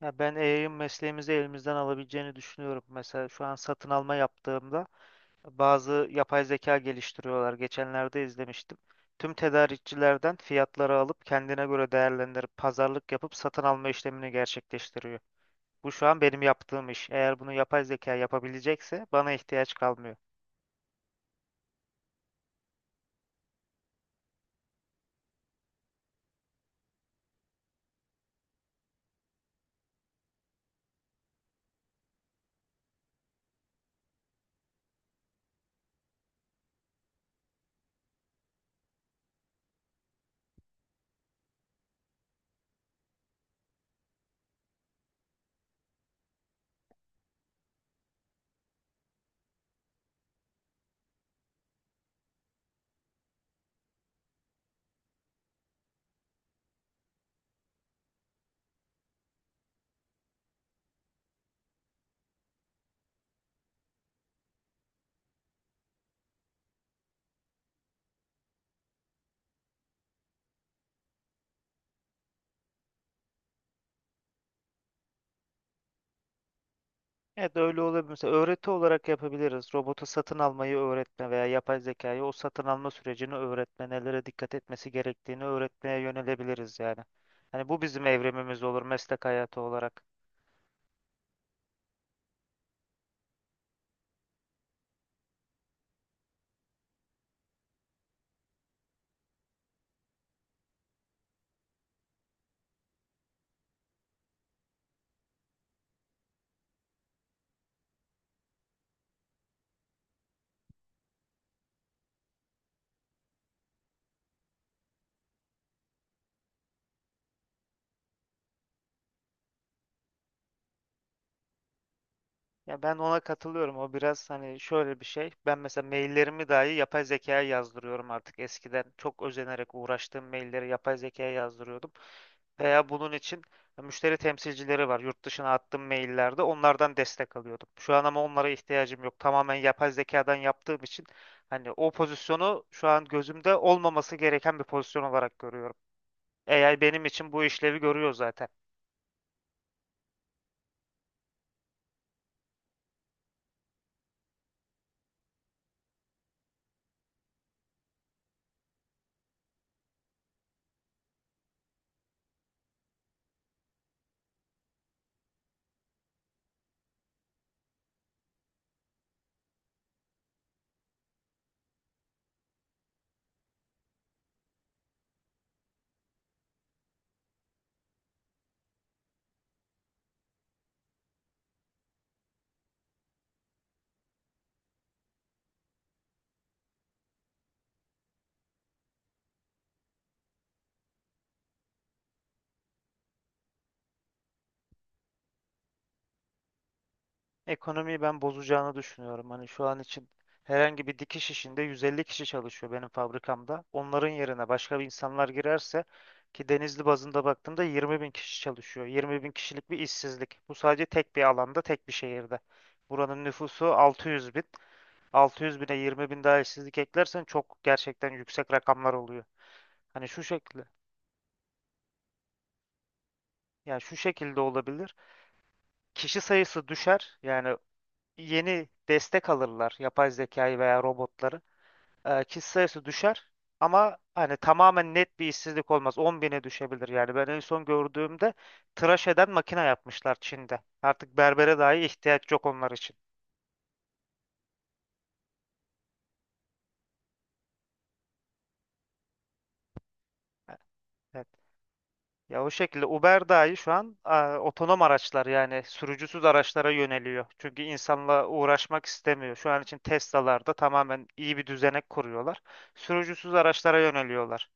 Ya ben AI'ın mesleğimizi elimizden alabileceğini düşünüyorum. Mesela şu an satın alma yaptığımda bazı yapay zeka geliştiriyorlar. Geçenlerde izlemiştim. Tüm tedarikçilerden fiyatları alıp kendine göre değerlendirip pazarlık yapıp satın alma işlemini gerçekleştiriyor. Bu şu an benim yaptığım iş. Eğer bunu yapay zeka yapabilecekse bana ihtiyaç kalmıyor. Evet, öyle olabilir. Mesela öğreti olarak yapabiliriz. Robota satın almayı öğretme veya yapay zekayı o satın alma sürecini öğretme, nelere dikkat etmesi gerektiğini öğretmeye yönelebiliriz yani. Hani bu bizim evrimimiz olur meslek hayatı olarak. Ya ben ona katılıyorum. O biraz hani şöyle bir şey. Ben mesela maillerimi dahi yapay zekaya yazdırıyorum artık. Eskiden çok özenerek uğraştığım mailleri yapay zekaya yazdırıyordum. Veya bunun için müşteri temsilcileri var. Yurt dışına attığım maillerde onlardan destek alıyordum. Şu an ama onlara ihtiyacım yok. Tamamen yapay zekadan yaptığım için hani o pozisyonu şu an gözümde olmaması gereken bir pozisyon olarak görüyorum. AI benim için bu işlevi görüyor zaten. Ekonomiyi ben bozacağını düşünüyorum. Hani şu an için herhangi bir dikiş işinde 150 kişi çalışıyor benim fabrikamda. Onların yerine başka bir insanlar girerse ki Denizli bazında baktığımda 20 bin kişi çalışıyor. 20 bin kişilik bir işsizlik. Bu sadece tek bir alanda, tek bir şehirde. Buranın nüfusu 600 bin. 600 bine 20 bin daha işsizlik eklersen çok gerçekten yüksek rakamlar oluyor. Hani şu şekilde, yani şu şekilde olabilir. Kişi sayısı düşer. Yani yeni destek alırlar yapay zekayı veya robotları. Kişi sayısı düşer ama hani tamamen net bir işsizlik olmaz. 10 bine düşebilir yani. Ben en son gördüğümde tıraş eden makine yapmışlar Çin'de. Artık berbere dahi ihtiyaç yok onlar için. Evet. Ya o şekilde Uber dahi şu an otonom araçlar yani sürücüsüz araçlara yöneliyor. Çünkü insanla uğraşmak istemiyor. Şu an için Tesla'larda tamamen iyi bir düzenek kuruyorlar. Sürücüsüz araçlara yöneliyorlar.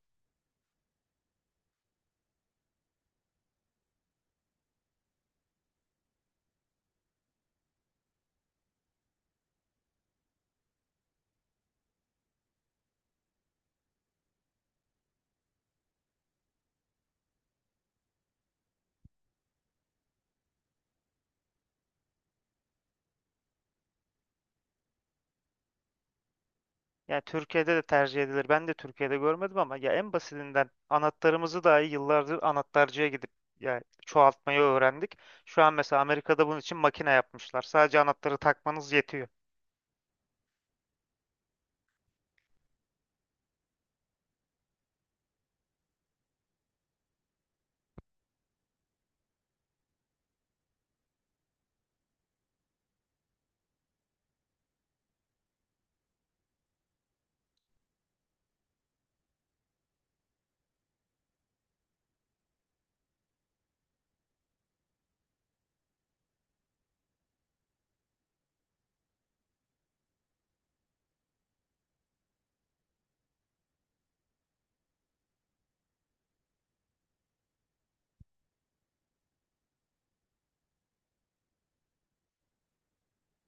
Ya Türkiye'de de tercih edilir. Ben de Türkiye'de görmedim ama ya en basitinden anahtarımızı dahi yıllardır anahtarcıya gidip ya çoğaltmayı öğrendik. Şu an mesela Amerika'da bunun için makine yapmışlar. Sadece anahtarı takmanız yetiyor.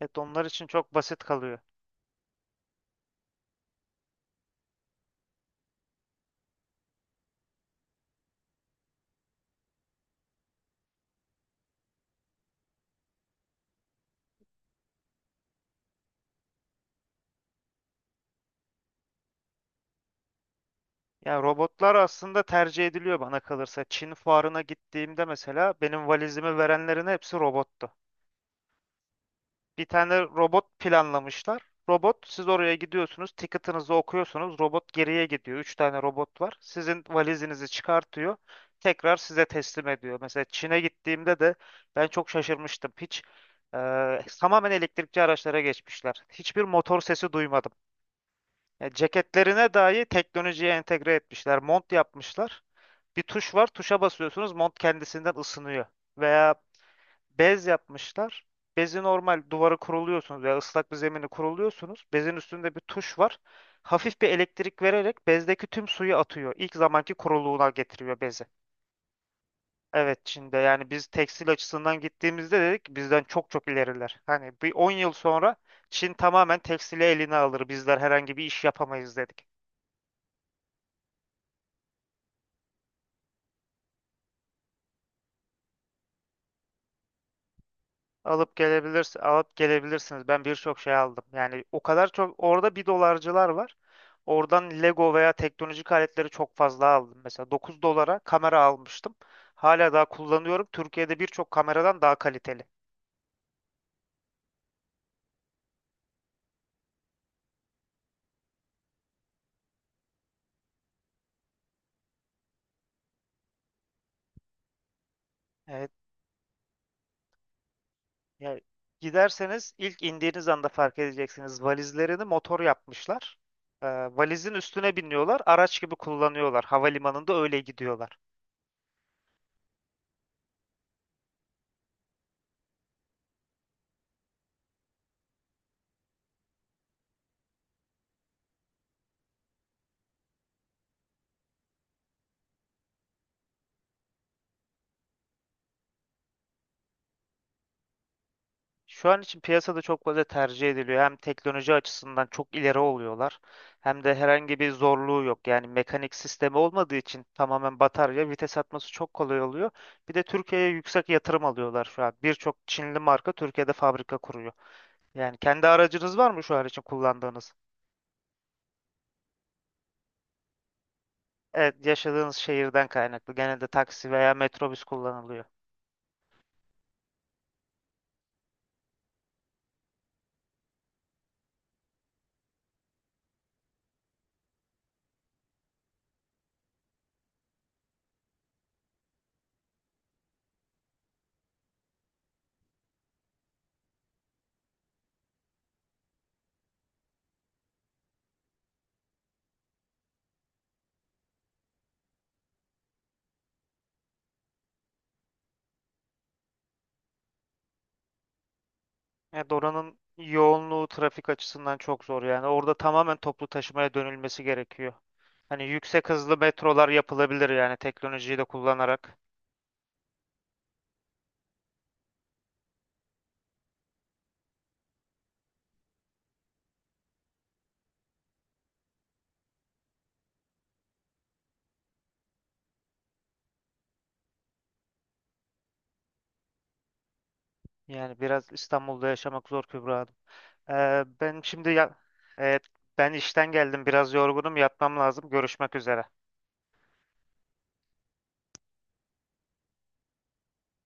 Evet, onlar için çok basit kalıyor. Ya robotlar aslında tercih ediliyor bana kalırsa. Çin fuarına gittiğimde mesela benim valizimi verenlerin hepsi robot. Bir tane robot planlamışlar. Robot, siz oraya gidiyorsunuz, ticket'ınızı okuyorsunuz. Robot geriye gidiyor. Üç tane robot var. Sizin valizinizi çıkartıyor. Tekrar size teslim ediyor. Mesela Çin'e gittiğimde de ben çok şaşırmıştım. Hiç e, tamamen elektrikli araçlara geçmişler. Hiçbir motor sesi duymadım. Yani ceketlerine dahi teknolojiye entegre etmişler. Mont yapmışlar. Bir tuş var. Tuşa basıyorsunuz. Mont kendisinden ısınıyor. Veya bez yapmışlar. Bezi normal duvara kuruluyorsunuz veya ıslak bir zemini kuruluyorsunuz. Bezin üstünde bir tuş var. Hafif bir elektrik vererek bezdeki tüm suyu atıyor. İlk zamanki kuruluğuna getiriyor bezi. Evet, Çin'de. Yani biz tekstil açısından gittiğimizde dedik bizden çok çok ileriler. Hani bir 10 yıl sonra Çin tamamen tekstili eline alır. Bizler herhangi bir iş yapamayız dedik. Alıp gelebilirsin, alıp gelebilirsiniz. Ben birçok şey aldım. Yani o kadar çok orada bir dolarcılar var. Oradan Lego veya teknolojik aletleri çok fazla aldım. Mesela 9 dolara kamera almıştım. Hala daha kullanıyorum. Türkiye'de birçok kameradan daha kaliteli. Evet. Yani giderseniz ilk indiğiniz anda fark edeceksiniz. Valizlerini motor yapmışlar. Valizin üstüne biniyorlar. Araç gibi kullanıyorlar. Havalimanında öyle gidiyorlar. Şu an için piyasada çok fazla tercih ediliyor. Hem teknoloji açısından çok ileri oluyorlar, hem de herhangi bir zorluğu yok. Yani mekanik sistemi olmadığı için tamamen batarya, vites atması çok kolay oluyor. Bir de Türkiye'ye yüksek yatırım alıyorlar şu an. Birçok Çinli marka Türkiye'de fabrika kuruyor. Yani kendi aracınız var mı şu an için kullandığınız? Evet, yaşadığınız şehirden kaynaklı. Genelde taksi veya metrobüs kullanılıyor. Evet, oranın yoğunluğu trafik açısından çok zor yani. Orada tamamen toplu taşımaya dönülmesi gerekiyor. Hani yüksek hızlı metrolar yapılabilir yani teknolojiyi de kullanarak. Yani biraz İstanbul'da yaşamak zor Kübra Hanım. Ben şimdi ya, evet, ben işten geldim, biraz yorgunum, yatmam lazım. Görüşmek üzere.